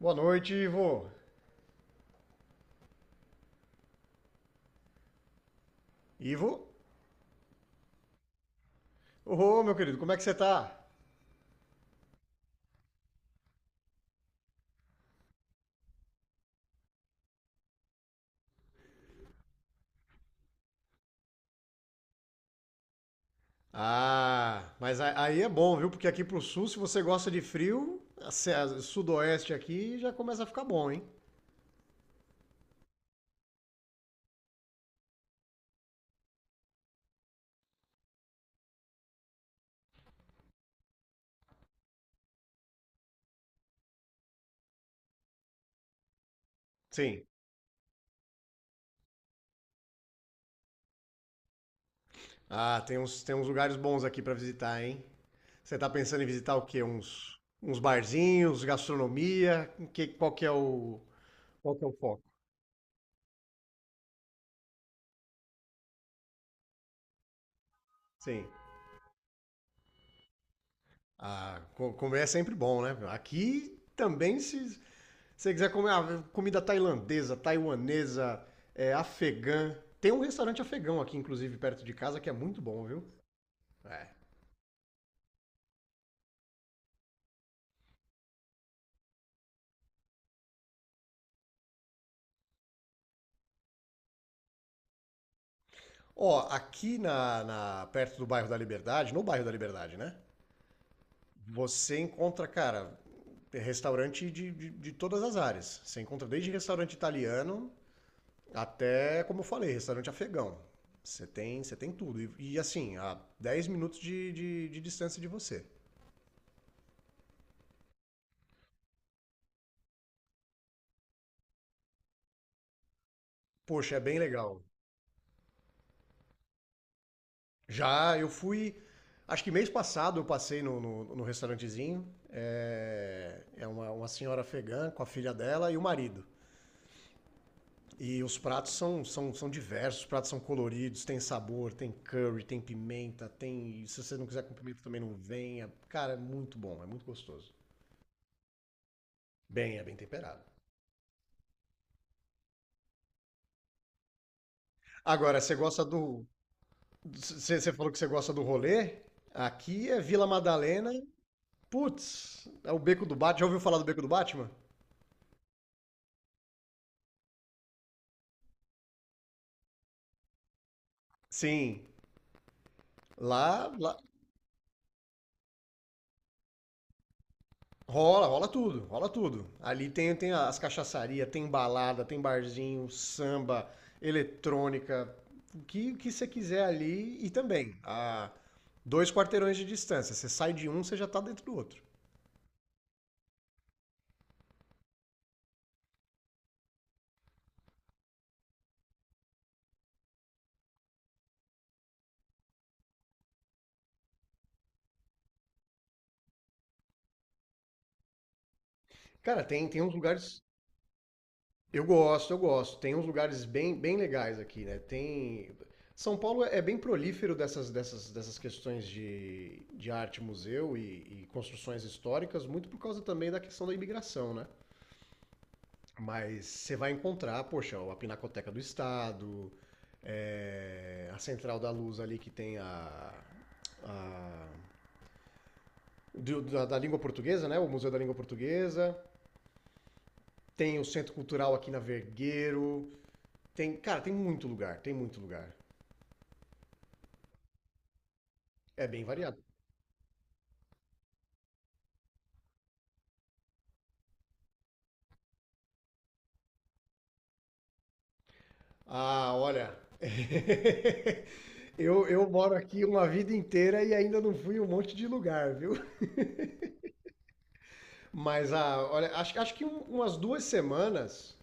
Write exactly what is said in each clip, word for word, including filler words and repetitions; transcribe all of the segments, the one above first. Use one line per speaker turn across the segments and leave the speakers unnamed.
Boa noite, Ivo. Ivo? Ô, meu querido, como é que você tá? Ah, mas a- aí é bom, viu? Porque aqui pro sul, se você gosta de frio, a se- a- sudoeste aqui já começa a ficar bom, hein? Sim. Ah, tem uns, tem uns lugares bons aqui pra visitar, hein? Você tá pensando em visitar o quê? Uns, uns barzinhos, gastronomia? Que, qual que é o, qual que é o foco? Sim. Ah, co- comer é sempre bom, né? Aqui também se. Se você quiser comer ah, comida tailandesa, taiwanesa, é, afegã. Tem um restaurante afegão aqui, inclusive, perto de casa, que é muito bom, viu? É. Ó, aqui na, na- perto do bairro da Liberdade, no bairro da Liberdade, né? Você encontra, cara, restaurante de, de, de todas as áreas. Você encontra desde restaurante italiano até, como eu falei, restaurante afegão. Você tem, você tem tudo. E, e, assim, a dez minutos de, de, de distância de você. Poxa, é bem legal. Já, eu fui. Acho que mês passado eu passei no, no, no restaurantezinho. É, é uma, uma senhora afegã com a filha dela e o marido. E os pratos são, são, são diversos, os pratos são coloridos, tem sabor, tem curry, tem pimenta, tem. Se você não quiser com pimenta também não venha. Cara, é muito bom, é muito gostoso. Bem, é bem temperado. Agora, você gosta do. Você você falou que você gosta do rolê? Aqui é Vila Madalena. Putz, é o Beco do Batman. Já ouviu falar do Beco do Batman? Sim. Lá, lá rola, rola tudo, rola tudo. Ali tem, tem as cachaçarias, tem balada, tem barzinho, samba, eletrônica, o que, o que você quiser ali e também a dois quarteirões de distância. Você sai de um, você já tá dentro do outro. Cara, tem, tem uns lugares. Eu gosto, eu gosto. Tem uns lugares bem, bem legais aqui, né? Tem. São Paulo é bem prolífero dessas, dessas, dessas questões de, de arte, museu e, e construções históricas, muito por causa também da questão da imigração, né? Mas você vai encontrar, poxa, a Pinacoteca do Estado, é, a Central da Luz ali que tem a. a do- da, da língua portuguesa, né? O Museu da Língua Portuguesa. Tem o Centro Cultural aqui na Vergueiro. Tem, cara, tem muito lugar, tem muito lugar. É bem variado. Ah, olha. Eu, eu moro aqui uma vida inteira e ainda não fui em um monte de lugar, viu? Mas ah, olha, acho, acho que um- umas duas semanas.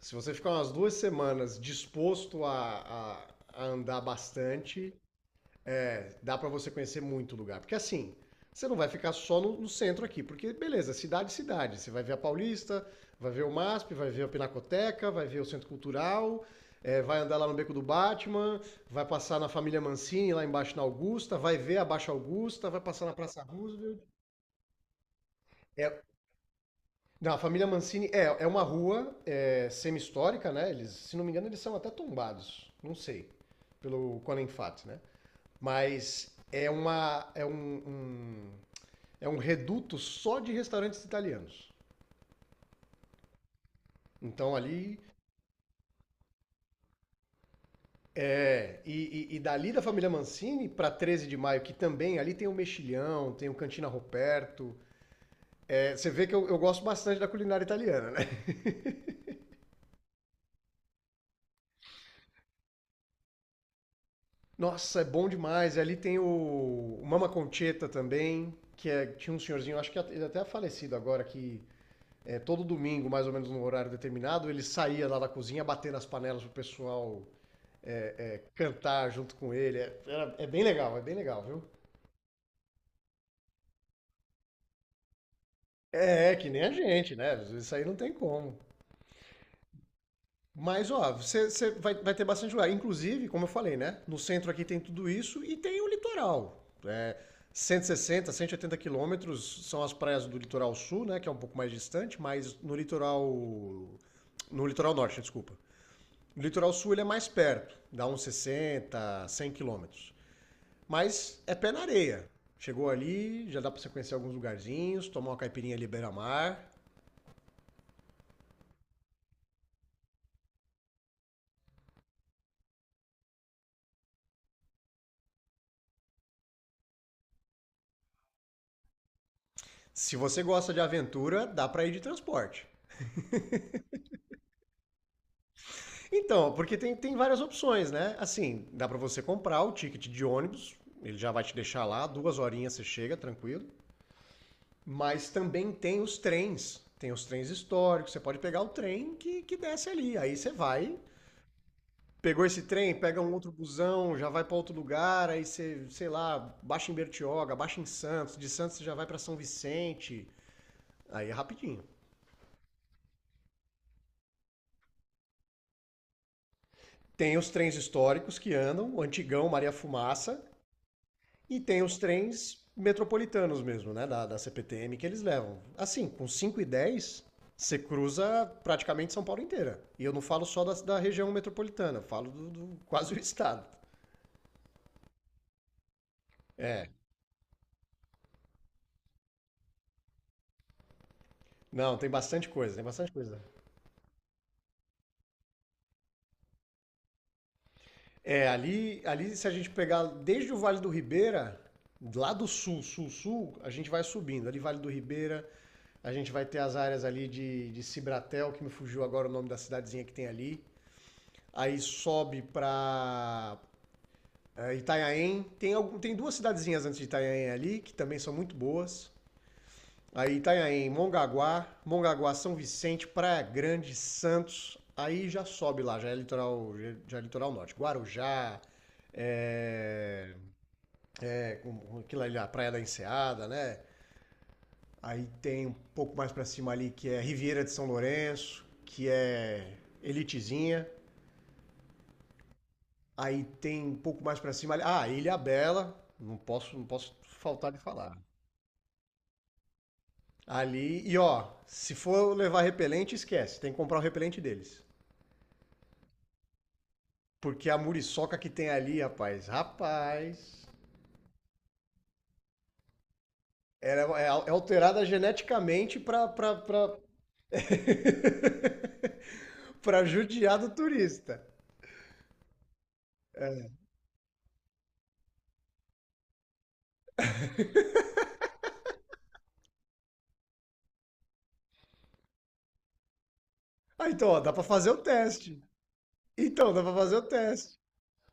Se você ficar umas duas semanas disposto a, a- a andar bastante, é, dá para você conhecer muito lugar. Porque assim, você não vai ficar só no, no centro aqui, porque beleza, cidade, cidade. Você vai ver a Paulista, vai ver o MASP, vai ver a Pinacoteca, vai ver o Centro Cultural, é, vai andar lá no Beco do Batman, vai passar na Família Mancini, lá embaixo na Augusta, vai ver a Baixa Augusta, vai passar na Praça Roosevelt. É, Não, a família Mancini é, é uma rua é, semi-histórica, né? Eles, se não me engano, eles são até tombados. Não sei. Pelo Conan Fat, né? Mas é uma. É um, um- é um reduto só de restaurantes italianos. Então ali. É, e, e- e dali da família Mancini para 13 de maio, que também ali tem o Mexilhão, tem o Cantina Roberto. É, você vê que eu, eu gosto bastante da culinária italiana, né? Nossa, é bom demais. Ali tem o, o Mama Concheta também, que é- tinha um senhorzinho, acho que ele até é falecido agora, que é, todo domingo, mais ou menos no horário determinado, ele saía lá da cozinha batendo as panelas pro pessoal cantar junto com ele. É, era- é bem legal, é bem legal, viu? É, é que nem a gente, né? Isso aí não tem como. Mas, ó, você você vai, vai ter bastante lugar. Inclusive, como eu falei, né? No centro aqui tem tudo isso e tem o litoral. É, cento cento e sessenta cento e oitenta quilômetros são as praias do litoral sul, né? Que é um pouco mais distante, mas no litoral. No litoral norte, desculpa. No litoral sul ele é mais perto, dá uns sessenta cem quilômetros. Mas é pé na areia. Chegou ali, já dá pra você conhecer alguns lugarzinhos, tomar uma caipirinha ali beira-mar. Se você gosta de aventura, dá pra ir de transporte. Então, porque tem, tem várias opções, né? Assim, dá pra você comprar o ticket de ônibus, ele já vai te deixar lá, duas horinhas você chega, tranquilo. Mas também tem os trens, tem os trens históricos, você pode pegar o trem que, que desce ali, aí você vai. Pegou esse trem, pega um outro busão, já vai pra outro lugar, aí você, sei lá, baixa em Bertioga, baixa em Santos, de Santos você já vai pra São Vicente, aí é rapidinho. Tem os trens históricos que andam, o antigão Maria Fumaça. E tem os trens metropolitanos mesmo, né? Da, da C P T M que eles levam. Assim, com cinco e dez você cruza praticamente São Paulo inteira. E eu não falo só da, da região metropolitana, eu falo do, do quase o estado. É. Não, tem bastante coisa, tem bastante coisa. É, ali, ali se a gente pegar desde o Vale do Ribeira, lá do sul, sul, sul, a gente vai subindo. Ali Vale do Ribeira, a gente vai ter as áreas ali de, de Cibratel, que me fugiu agora o nome da cidadezinha que tem ali. Aí sobe para. É, Itanhaém, tem, algum, tem duas cidadezinhas antes de Itanhaém ali, que também são muito boas. Aí Itanhaém, Mongaguá, Mongaguá, São Vicente, Praia Grande, Santos. Aí já sobe lá, já é litoral, já é litoral norte. Guarujá, é, é, com- com aquilo ali, a Praia da Enseada, né? Aí tem um pouco mais pra cima ali que é Riviera de São Lourenço, que é Elitezinha. Aí tem um pouco mais pra cima ali, ah, Ilha Bela, não posso, não posso faltar de falar. Ali, e ó, se for levar repelente, esquece. Tem que comprar o repelente deles. Porque a muriçoca que tem ali, rapaz, rapaz. Ela é, é alterada geneticamente pra, pra, pra... pra judiar do turista. Ah, então, ó, dá pra fazer o teste. Então, dá pra fazer o teste.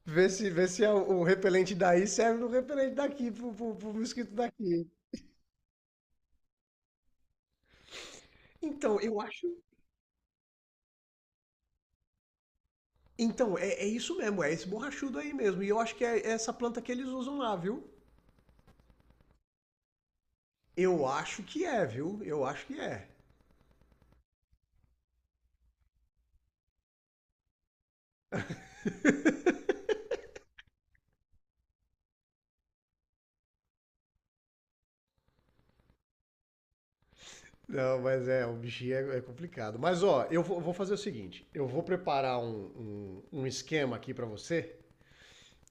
Ver se, ver se a- o repelente daí serve no repelente daqui, pro, pro, pro mosquito daqui. Então, eu acho. Então, é, é isso mesmo, é esse borrachudo aí mesmo. E eu acho que é essa planta que eles usam lá, viu? Eu acho que é, viu? Eu acho que é. Não, mas é, o bichinho é, é complicado. Mas ó, eu vou, vou fazer o seguinte: eu vou preparar um, um, um esquema aqui pra você,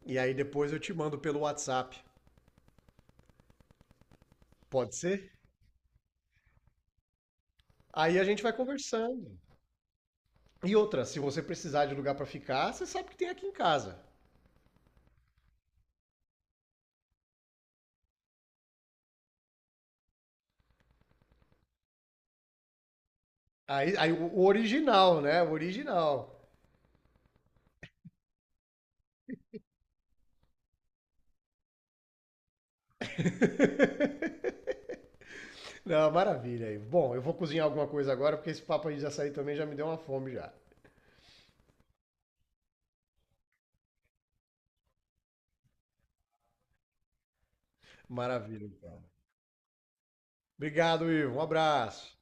e aí depois eu te mando pelo WhatsApp. Pode ser? Aí a gente vai conversando. E outra, se você precisar de lugar pra ficar, você sabe que tem aqui em casa. Aí, aí o o original, né? O original. Não, maravilha aí. Bom, eu vou cozinhar alguma coisa agora, porque esse papo aí de açaí também já me deu uma fome já. Maravilha, então. Obrigado, Ivo. Um abraço.